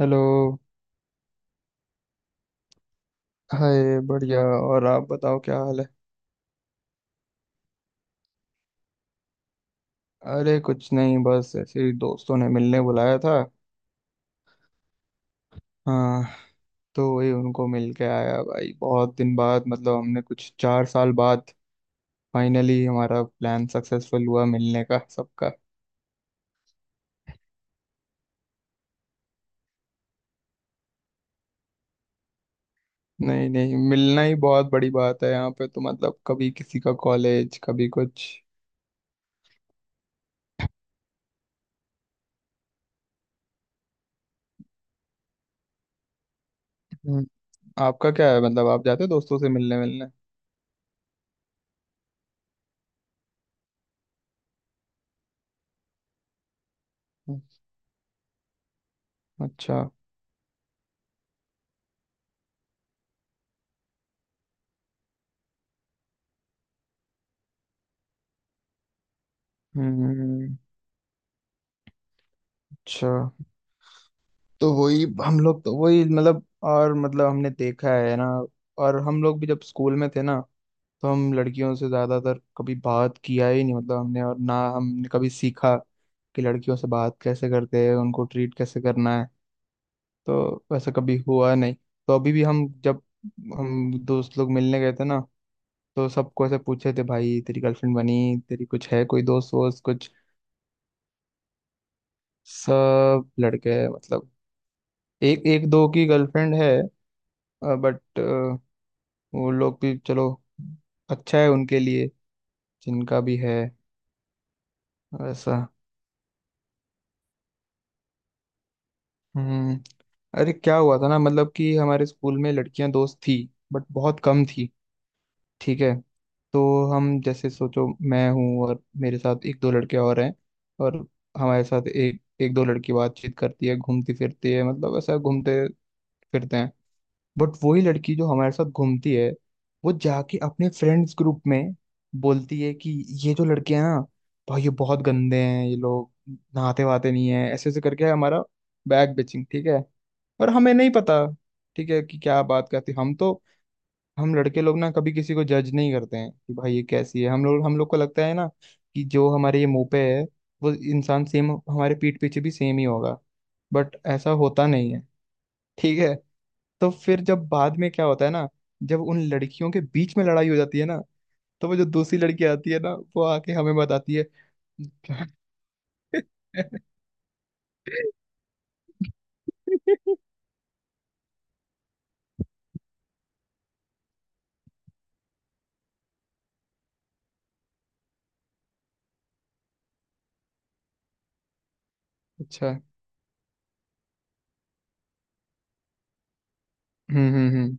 Hello. Hi, बढ़िया। और आप बताओ, क्या हाल है। अरे कुछ नहीं, बस ऐसे ही दोस्तों ने मिलने बुलाया था। हाँ, तो वही उनको मिल के आया भाई, बहुत दिन बाद, मतलब हमने कुछ 4 साल बाद फाइनली हमारा प्लान सक्सेसफुल हुआ मिलने का, सबका। नहीं नहीं, मिलना ही बहुत बड़ी बात है यहाँ पे, तो मतलब कभी किसी का कॉलेज, कभी कुछ। हम्म, आपका क्या है, मतलब आप जाते हो दोस्तों से मिलने मिलने। अच्छा, हम्म, अच्छा, तो वही हम लोग, तो वही मतलब, और मतलब हमने देखा है ना। और हम लोग भी जब स्कूल में थे ना, तो हम लड़कियों से ज्यादातर कभी बात किया ही नहीं, मतलब हमने, और ना हमने कभी सीखा कि लड़कियों से बात कैसे करते हैं, उनको ट्रीट कैसे करना है। तो वैसा कभी हुआ नहीं। तो अभी भी हम जब हम दोस्त लोग मिलने गए थे ना, तो सबको ऐसे पूछे थे, भाई तेरी गर्लफ्रेंड बनी? तेरी कुछ है? कोई दोस्त वोस्त कुछ? सब लड़के मतलब। एक एक दो की गर्लफ्रेंड है। बट वो लोग भी चलो, अच्छा है उनके लिए, जिनका भी है। वैसा। हम्म। अरे क्या हुआ था ना, मतलब कि हमारे स्कूल में लड़कियां दोस्त थी, बट बहुत कम थी। ठीक है। तो हम जैसे सोचो, मैं हूँ और मेरे साथ एक दो लड़के और हैं। और हमारे साथ एक एक दो लड़की बातचीत करती है, घूमती फिरती है, मतलब ऐसा घूमते फिरते हैं। बट वही लड़की जो हमारे साथ घूमती है, वो जाके अपने फ्रेंड्स ग्रुप में बोलती है कि ये जो लड़के हैं ना, भाई ये बहुत गंदे हैं ये लोग, नहाते वहाते नहीं है, ऐसे ऐसे करके हमारा बैग बेचिंग। ठीक है। और हमें नहीं पता, ठीक है कि क्या बात करती हम तो। हम लड़के लोग ना कभी किसी को जज नहीं करते हैं कि भाई ये कैसी है, हम लोग को लगता है ना, कि जो हमारे ये मुंह पे है, वो इंसान सेम हमारे पीठ पीछे भी सेम ही होगा। बट ऐसा होता नहीं है, ठीक है। तो फिर जब बाद में क्या होता है ना, जब उन लड़कियों के बीच में लड़ाई हो जाती है ना, तो वो जो दूसरी लड़की आती है ना, वो आके हमें बताती है। अच्छा। हम्म, हम्म, हम्म।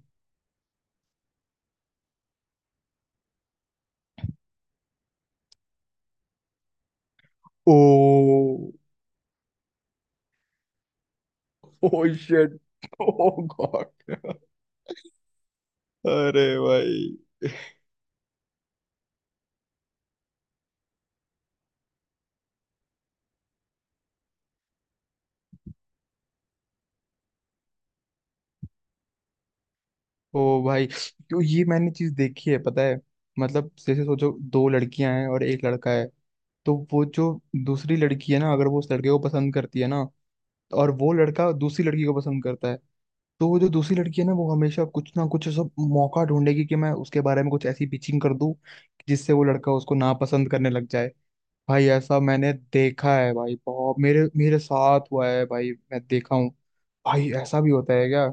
Oh. Oh shit. Oh god. अरे भाई। ओ भाई। तो ये मैंने चीज देखी है, पता है। मतलब जैसे सोचो, दो लड़कियां हैं और एक लड़का है। तो वो जो दूसरी लड़की है ना, अगर वो उस लड़के को पसंद करती है ना, और वो लड़का दूसरी लड़की को पसंद करता है, तो वो जो दूसरी लड़की है ना, वो हमेशा कुछ ना कुछ सब मौका ढूंढेगी कि मैं उसके बारे में कुछ ऐसी पिचिंग कर दूं जिससे वो लड़का उसको नापसंद करने लग जाए। भाई ऐसा मैंने देखा है, भाई बहुत मेरे मेरे साथ हुआ है भाई, मैं देखा हूँ। भाई ऐसा भी होता है क्या।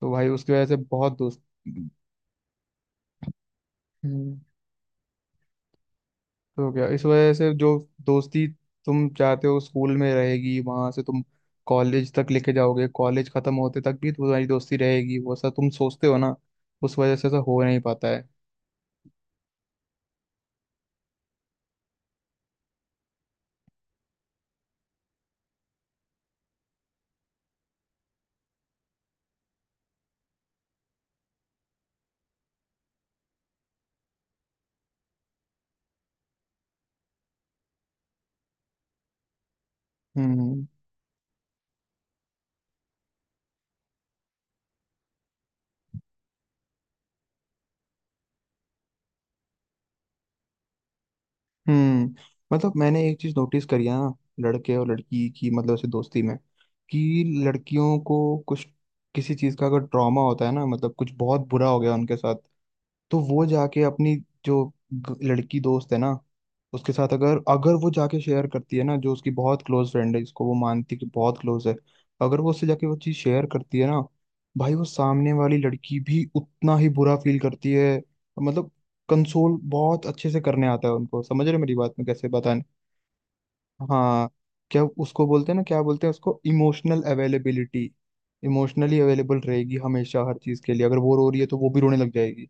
तो भाई उसकी वजह से बहुत दोस्त। हम्म। तो क्या इस वजह से जो दोस्ती तुम चाहते हो स्कूल में रहेगी, वहां से तुम कॉलेज तक लेके जाओगे, कॉलेज खत्म होते तक भी तुम्हारी दोस्ती रहेगी वो, ऐसा तुम सोचते हो ना, उस वजह से ऐसा हो नहीं पाता है। हम्म, हम्म। मतलब मैंने एक चीज नोटिस करी है ना, लड़के और लड़की की, मतलब ऐसे दोस्ती में, कि लड़कियों को कुछ, किसी चीज का अगर ट्रॉमा होता है ना, मतलब कुछ बहुत बुरा हो गया उनके साथ, तो वो जाके अपनी जो लड़की दोस्त है ना, उसके साथ अगर अगर वो जाके शेयर करती है ना जो उसकी बहुत क्लोज फ्रेंड है, जिसको वो मानती है कि बहुत क्लोज है, अगर वो उससे जाके वो चीज़ शेयर करती है ना, भाई वो सामने वाली लड़की भी उतना ही बुरा फील करती है। मतलब कंसोल बहुत अच्छे से करने आता है उनको, समझ रहे हो मेरी बात, में कैसे बताने। हाँ, क्या उसको बोलते हैं ना, क्या बोलते हैं उसको, इमोशनल अवेलेबिलिटी। इमोशनली अवेलेबल रहेगी हमेशा हर चीज़ के लिए, अगर वो रो रही है तो वो भी रोने लग जाएगी।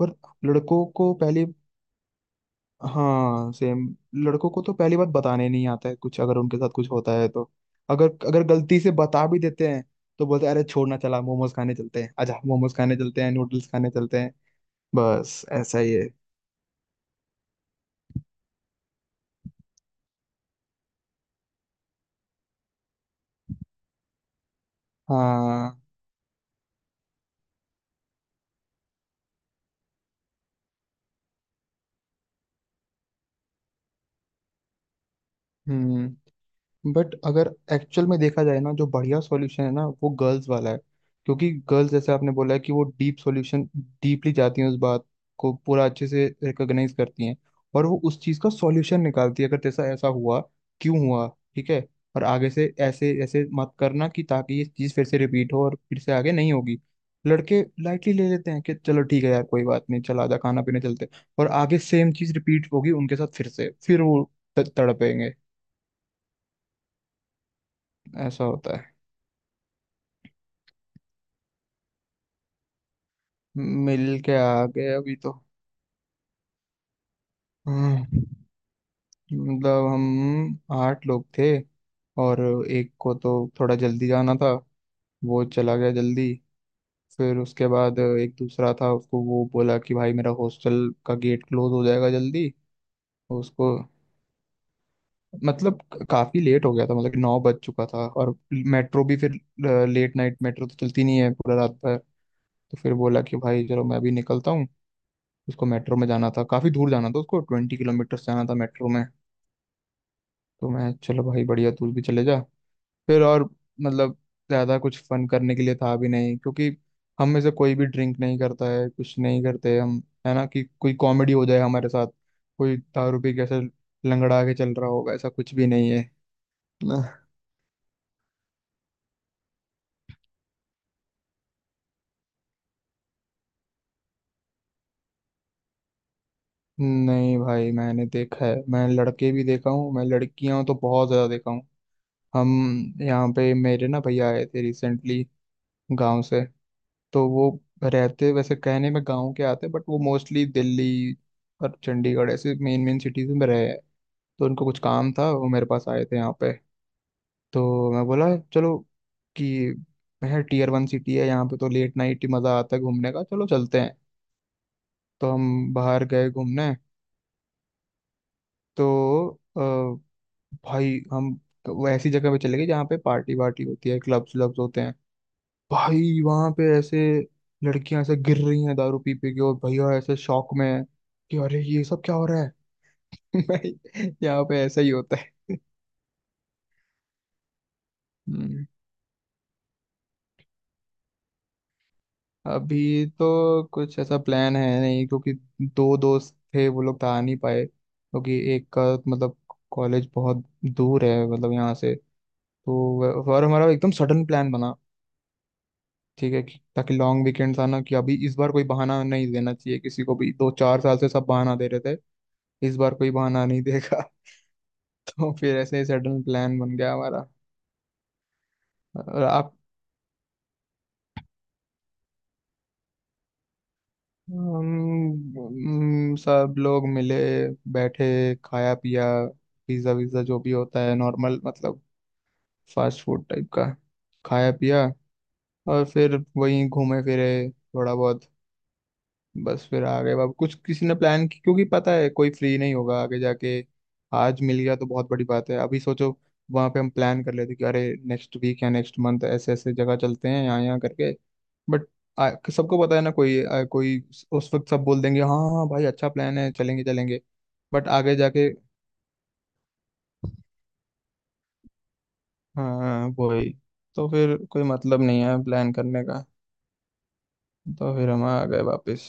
पर लड़कों को पहली। हाँ सेम। लड़कों को तो पहली बात बताने नहीं आता है कुछ, अगर उनके साथ कुछ होता है तो अगर अगर गलती से बता भी देते हैं, तो बोलते हैं अरे छोड़ना, चला मोमोज खाने चलते हैं, अच्छा मोमोज खाने चलते हैं, नूडल्स खाने चलते हैं। बस ऐसा ही है। हाँ, हम्म। बट अगर एक्चुअल में देखा जाए ना, जो बढ़िया सॉल्यूशन है ना, वो गर्ल्स वाला है। क्योंकि गर्ल्स, जैसे आपने बोला है कि वो डीप सॉल्यूशन, डीपली जाती हैं उस बात को, पूरा अच्छे से रिकॉग्नाइज करती हैं। और वो उस चीज़ का सॉल्यूशन निकालती है, अगर जैसा ऐसा हुआ, क्यों हुआ, ठीक है, और आगे से ऐसे ऐसे मत करना कि, ताकि ये चीज़ फिर से रिपीट हो और फिर से आगे नहीं होगी। लड़के लाइटली ले लेते हैं कि चलो ठीक है यार, कोई बात नहीं, चल आजा, खाना पीने चलते हैं। और आगे सेम चीज़ रिपीट होगी उनके साथ फिर से, फिर वो तड़पेंगे। ऐसा होता है। मिल के आ गए अभी तो। हम्म, मतलब हम 8 लोग थे, और एक को तो थोड़ा जल्दी जाना था, वो चला गया जल्दी। फिर उसके बाद एक दूसरा था, उसको वो बोला कि भाई मेरा हॉस्टल का गेट क्लोज हो जाएगा जल्दी। उसको मतलब काफ़ी लेट हो गया था, मतलब कि 9 बज चुका था और मेट्रो भी फिर, लेट नाइट मेट्रो तो चलती नहीं है पूरा रात भर। तो फिर बोला कि भाई चलो, मैं अभी निकलता हूँ। उसको मेट्रो में जाना था, काफ़ी दूर जाना था, उसको 20 किलोमीटर जाना था मेट्रो में। तो मैं चलो भाई बढ़िया, तू भी चले जा। फिर और मतलब ज़्यादा कुछ फन करने के लिए था भी नहीं, क्योंकि हम में से कोई भी ड्रिंक नहीं करता है, कुछ नहीं करते हम। है ना कि कोई कॉमेडी हो जाए हमारे साथ, कोई दारू पी कैसे लंगड़ा के चल रहा होगा, ऐसा कुछ भी नहीं है। ना- नहीं भाई, मैंने देखा है, मैं लड़के भी देखा हूँ, मैं लड़कियां तो बहुत ज़्यादा देखा हूँ। हम यहाँ पे मेरे ना भैया आए थे रिसेंटली, गाँव से। तो वो रहते वैसे कहने में गाँव के आते, बट वो मोस्टली दिल्ली और चंडीगढ़ ऐसे मेन मेन सिटीज में रहे हैं। तो उनको कुछ काम था, वो मेरे पास आए थे यहाँ पे। तो मैं बोला चलो कि है टीयर 1 सिटी है यहाँ पे, तो लेट नाइट ही मज़ा आता है घूमने का, चलो चलते हैं। तो हम बाहर गए घूमने। तो अ, भाई हम, तो वो ऐसी जगह पे चले गए जहाँ पे पार्टी वार्टी होती है, क्लब्स व्लब्स होते हैं। भाई वहां पे ऐसे लड़कियां ऐसे गिर रही हैं दारू पी पी के, और भैया ऐसे शौक में है कि अरे ये सब क्या हो रहा है। भाई यहाँ पे ऐसा ही होता है। हम्म। अभी तो कुछ ऐसा प्लान है नहीं, क्योंकि दो दोस्त थे वो लोग तो आ नहीं पाए, क्योंकि एक का मतलब कॉलेज बहुत दूर है मतलब यहाँ से। तो और हमारा एकदम सडन प्लान बना। ठीक है कि ताकि लॉन्ग वीकेंड्स आना, कि अभी इस बार कोई बहाना नहीं देना चाहिए किसी को भी, दो चार साल से सब बहाना दे रहे थे। इस बार कोई बहाना नहीं देगा। और फिर ऐसे ही सडन प्लान बन गया हमारा। और आप। हम हम सब लोग मिले, बैठे, खाया पिया, पिज्ज़ा विज़्ज़ा जो भी होता है नॉर्मल मतलब फास्ट फूड टाइप का, खाया पिया, और फिर वहीं घूमे फिरे थोड़ा बहुत, बस फिर आ गए। बाबू कुछ किसी ने प्लान की, क्योंकि पता है कोई फ्री नहीं होगा आगे जाके। आज मिल गया तो बहुत बड़ी बात है, अभी सोचो वहां पे हम प्लान कर लेते कि अरे नेक्स्ट वीक या नेक्स्ट मंथ ऐसे ऐसे जगह चलते हैं यहाँ यहाँ करके। बट सबको पता है ना, कोई कोई उस वक्त सब बोल देंगे हाँ हाँ भाई, अच्छा प्लान है, चलेंगे चलेंगे। बट आगे जाके। हाँ वही, तो फिर कोई मतलब नहीं है प्लान करने का। तो फिर हम आ गए वापस।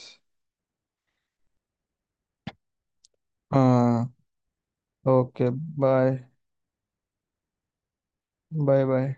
हाँ, ओके, बाय, बाय बाय।